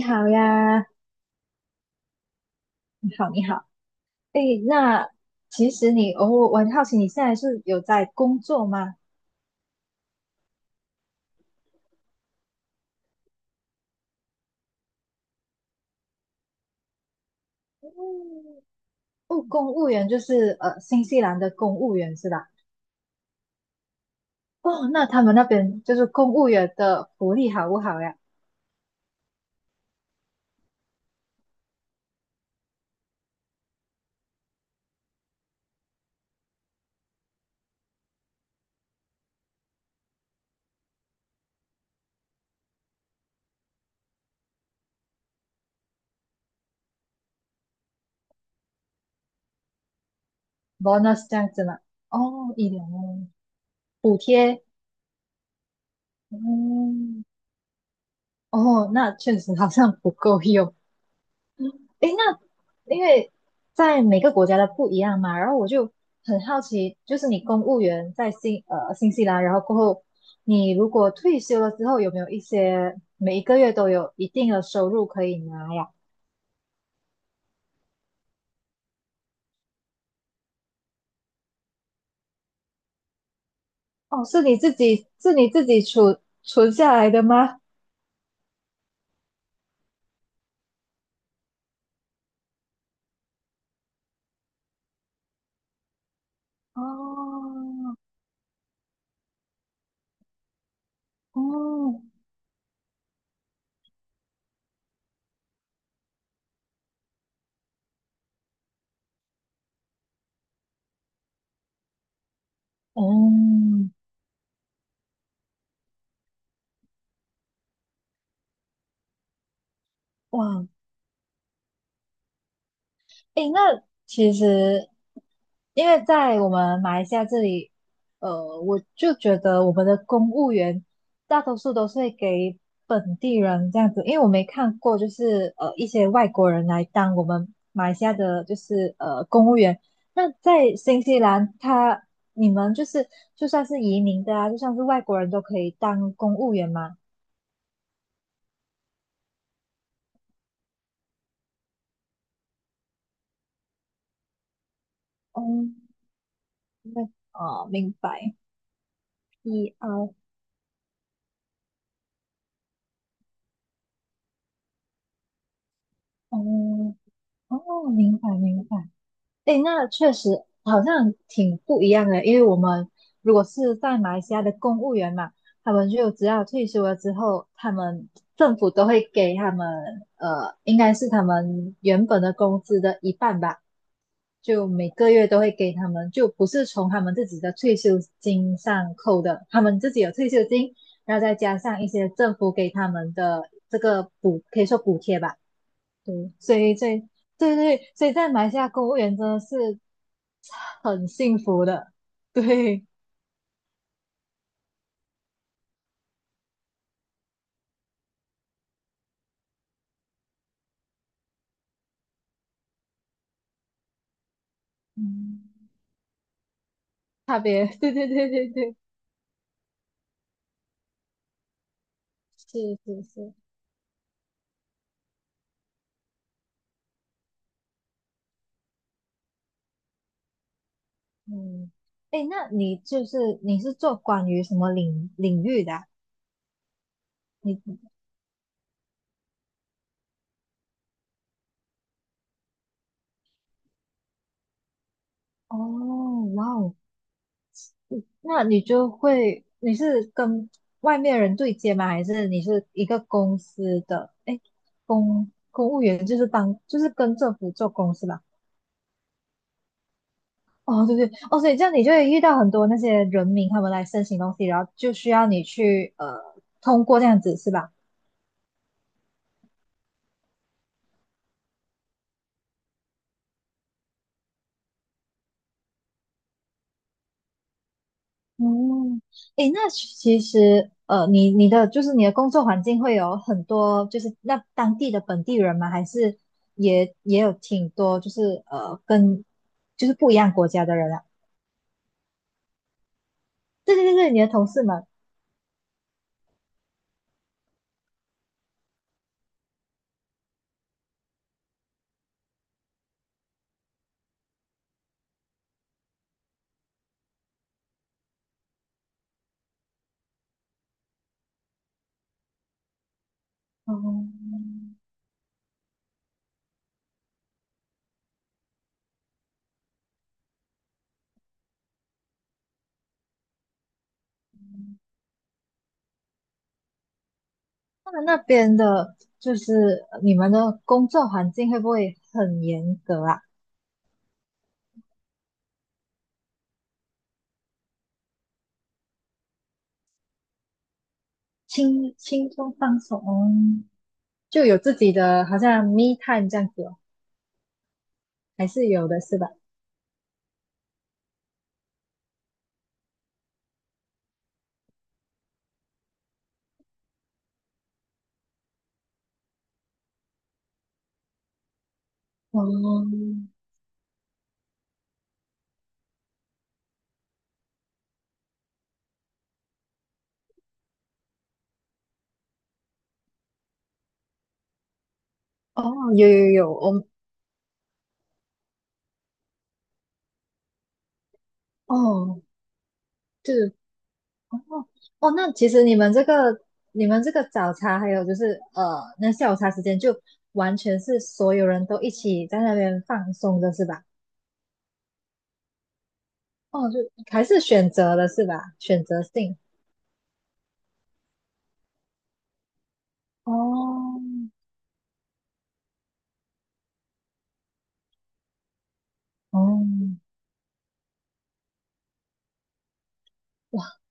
你好呀，你好，你好。诶，那其实你，哦，我很好奇，你现在是有在工作吗？嗯。哦，公务员就是新西兰的公务员是吧？哦，那他们那边就是公务员的福利好不好呀？Bonus 这样子吗？哦，医疗哦，补贴，嗯，哦，那确实好像不够用。诶，那因为在每个国家的不一样嘛，然后我就很好奇，就是你公务员在新西兰，然后过后你如果退休了之后，有没有一些每一个月都有一定的收入可以拿呀？哦，是你自己存下来的吗？哦。哦。哦。哇，诶，那其实因为在我们马来西亚这里，呃，我就觉得我们的公务员大多数都是会给本地人这样子，因为我没看过，就是一些外国人来当我们马来西亚的，就是公务员。那在新西兰，他你们就是就算是移民的啊，就算是外国人都可以当公务员吗？哦，那哦，明白，PR，哦，哦，明白明白。诶，那确实好像挺不一样的，因为我们如果是在马来西亚的公务员嘛，他们就只要退休了之后，他们政府都会给他们应该是他们原本的工资的一半吧，就每个月都会给他们，就不是从他们自己的退休金上扣的，他们自己有退休金，然后再加上一些政府给他们的这个补，可以说补贴吧，对，所以。对对，所以在马来西亚，公务员真的是很幸福的，对，嗯，差别，对对对对对，是是是，嗯，哎，那你就是你是做关于什么领域的啊？你。哦，哇哦，那你就会你是跟外面人对接吗？还是你是一个公司的？哎，公务员就是当就是跟政府做公司吧？哦，对对，哦，所以这样你就会遇到很多那些人民他们来申请东西，然后就需要你去通过这样子是吧？嗯，诶，那其实呃，你你的就是你的工作环境会有很多就是那当地的本地人吗？还是也有挺多就是跟就是不一样国家的人啊？对对对对，你的同事们，哦。他们那边的就是你们的工作环境会不会很严格啊？轻松放松，哦，就有自己的好像 me time 这样子哦，还是有的是吧？哦。哦，有有有，我。哦，对，哦，哦，那其实你们这个你们这个早茶还有就是那下午茶时间就完全是所有人都一起在那边放松的是吧？哦，就还是选择的是吧？选择性。哦。哦。哇。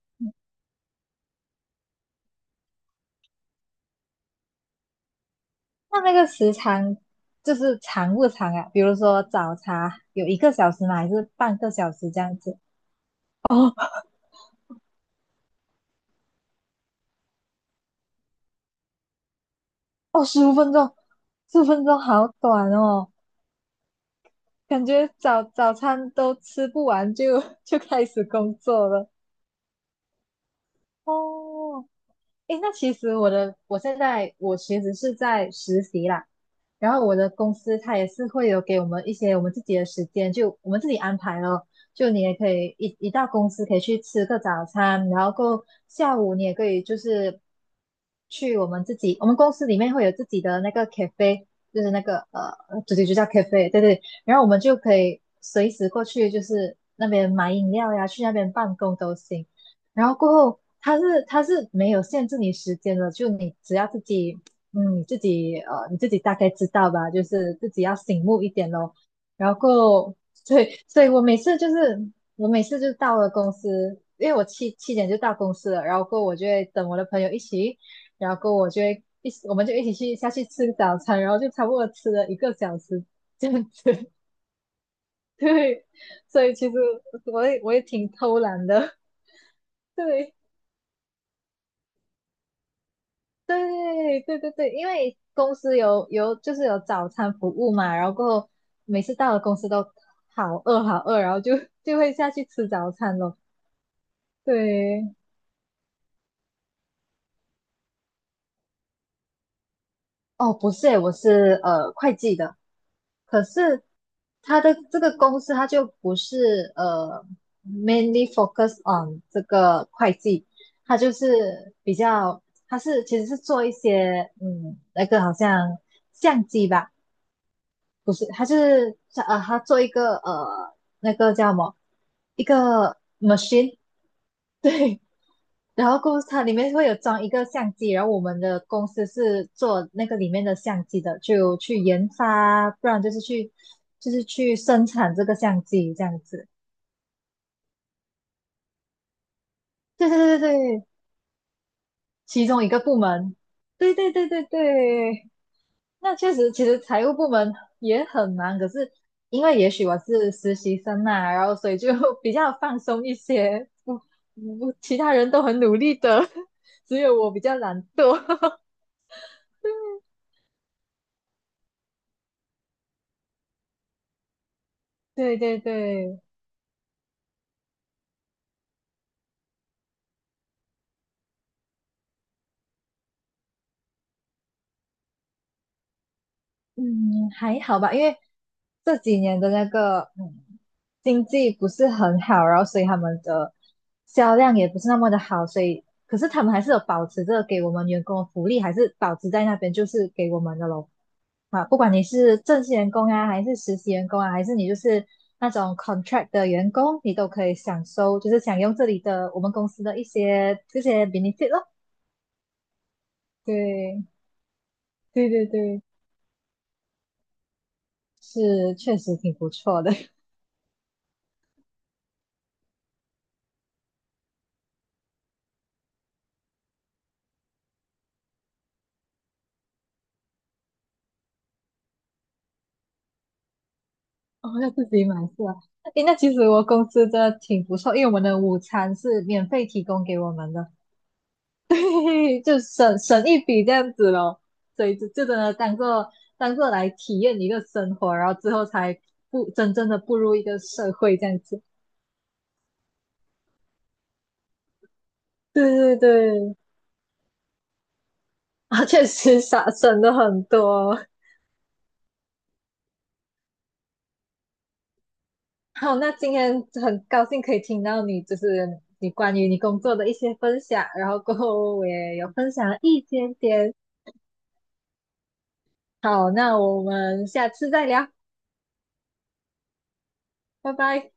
那那个时长就是长不长啊？比如说早茶有一个小时吗？还是半个小时这样子？哦。哦，十五分钟，十五分钟好短哦，感觉早餐都吃不完就 就开始工作了。哦，诶，那其实我的我现在我其实是在实习啦，然后我的公司它也是会有给我们一些我们自己的时间，就我们自己安排咯。就你也可以一到公司可以去吃个早餐，然后过后下午你也可以就是去我们自己，我们公司里面会有自己的那个 cafe，就是那个主题就叫 cafe，对对。然后我们就可以随时过去，就是那边买饮料呀，去那边办公都行。然后过后，它是没有限制你时间的，就你只要自己嗯，你自己大概知道吧，就是自己要醒目一点咯。然后，所以我每次就是，我每次就到了公司，因为我七点就到公司了，然后我就会等我的朋友一起，然后我就会一起，我们就一起去下去吃早餐，然后就差不多吃了一个小时这样子。对，所以其实我也挺偷懒的，对。对对对对，因为公司就是有早餐服务嘛，然后过后每次到了公司都好饿好饿，然后就 就会下去吃早餐咯。对，哦，不是诶，我是会计的，可是他的这个公司它就不是mainly focus on 这个会计，它就是比较它是其实是做一些那个好像相机吧。不是，它是他做一个那个叫什么，一个 machine，对，然后公司它里面会有装一个相机，然后我们的公司是做那个里面的相机的，就去研发，不然就是去生产这个相机这样子。对对对对对，其中一个部门。对对对对对，那确实，其实财务部门也很忙，可是因为也许我是实习生呐，然后所以就 比较放松一些。不不，其他人都很努力的，只有我比较懒惰。对对对。嗯，还好吧，因为这几年的那个经济不是很好，然后所以他们的销量也不是那么的好，所以可是他们还是有保持着给我们员工的福利，还是保持在那边就是给我们的咯。啊，不管你是正式员工啊，还是实习员工啊，还是你就是那种 contract 的员工，你都可以享受，就是享用这里的我们公司的一些这些 benefit 咯。对，对对对，是确实挺不错的。哦，要自己买是吧？诶，那其实我公司的挺不错，因为我们的午餐是免费提供给我们的，对，就省一笔这样子咯。所以就真的当做当做来体验一个生活，然后之后才真正的步入一个社会这样子。对对对，啊，确实省了很多。好，那今天很高兴可以听到你，就是你关于你工作的一些分享，然后过后我也有分享了一点点。好，那我们下次再聊，拜拜。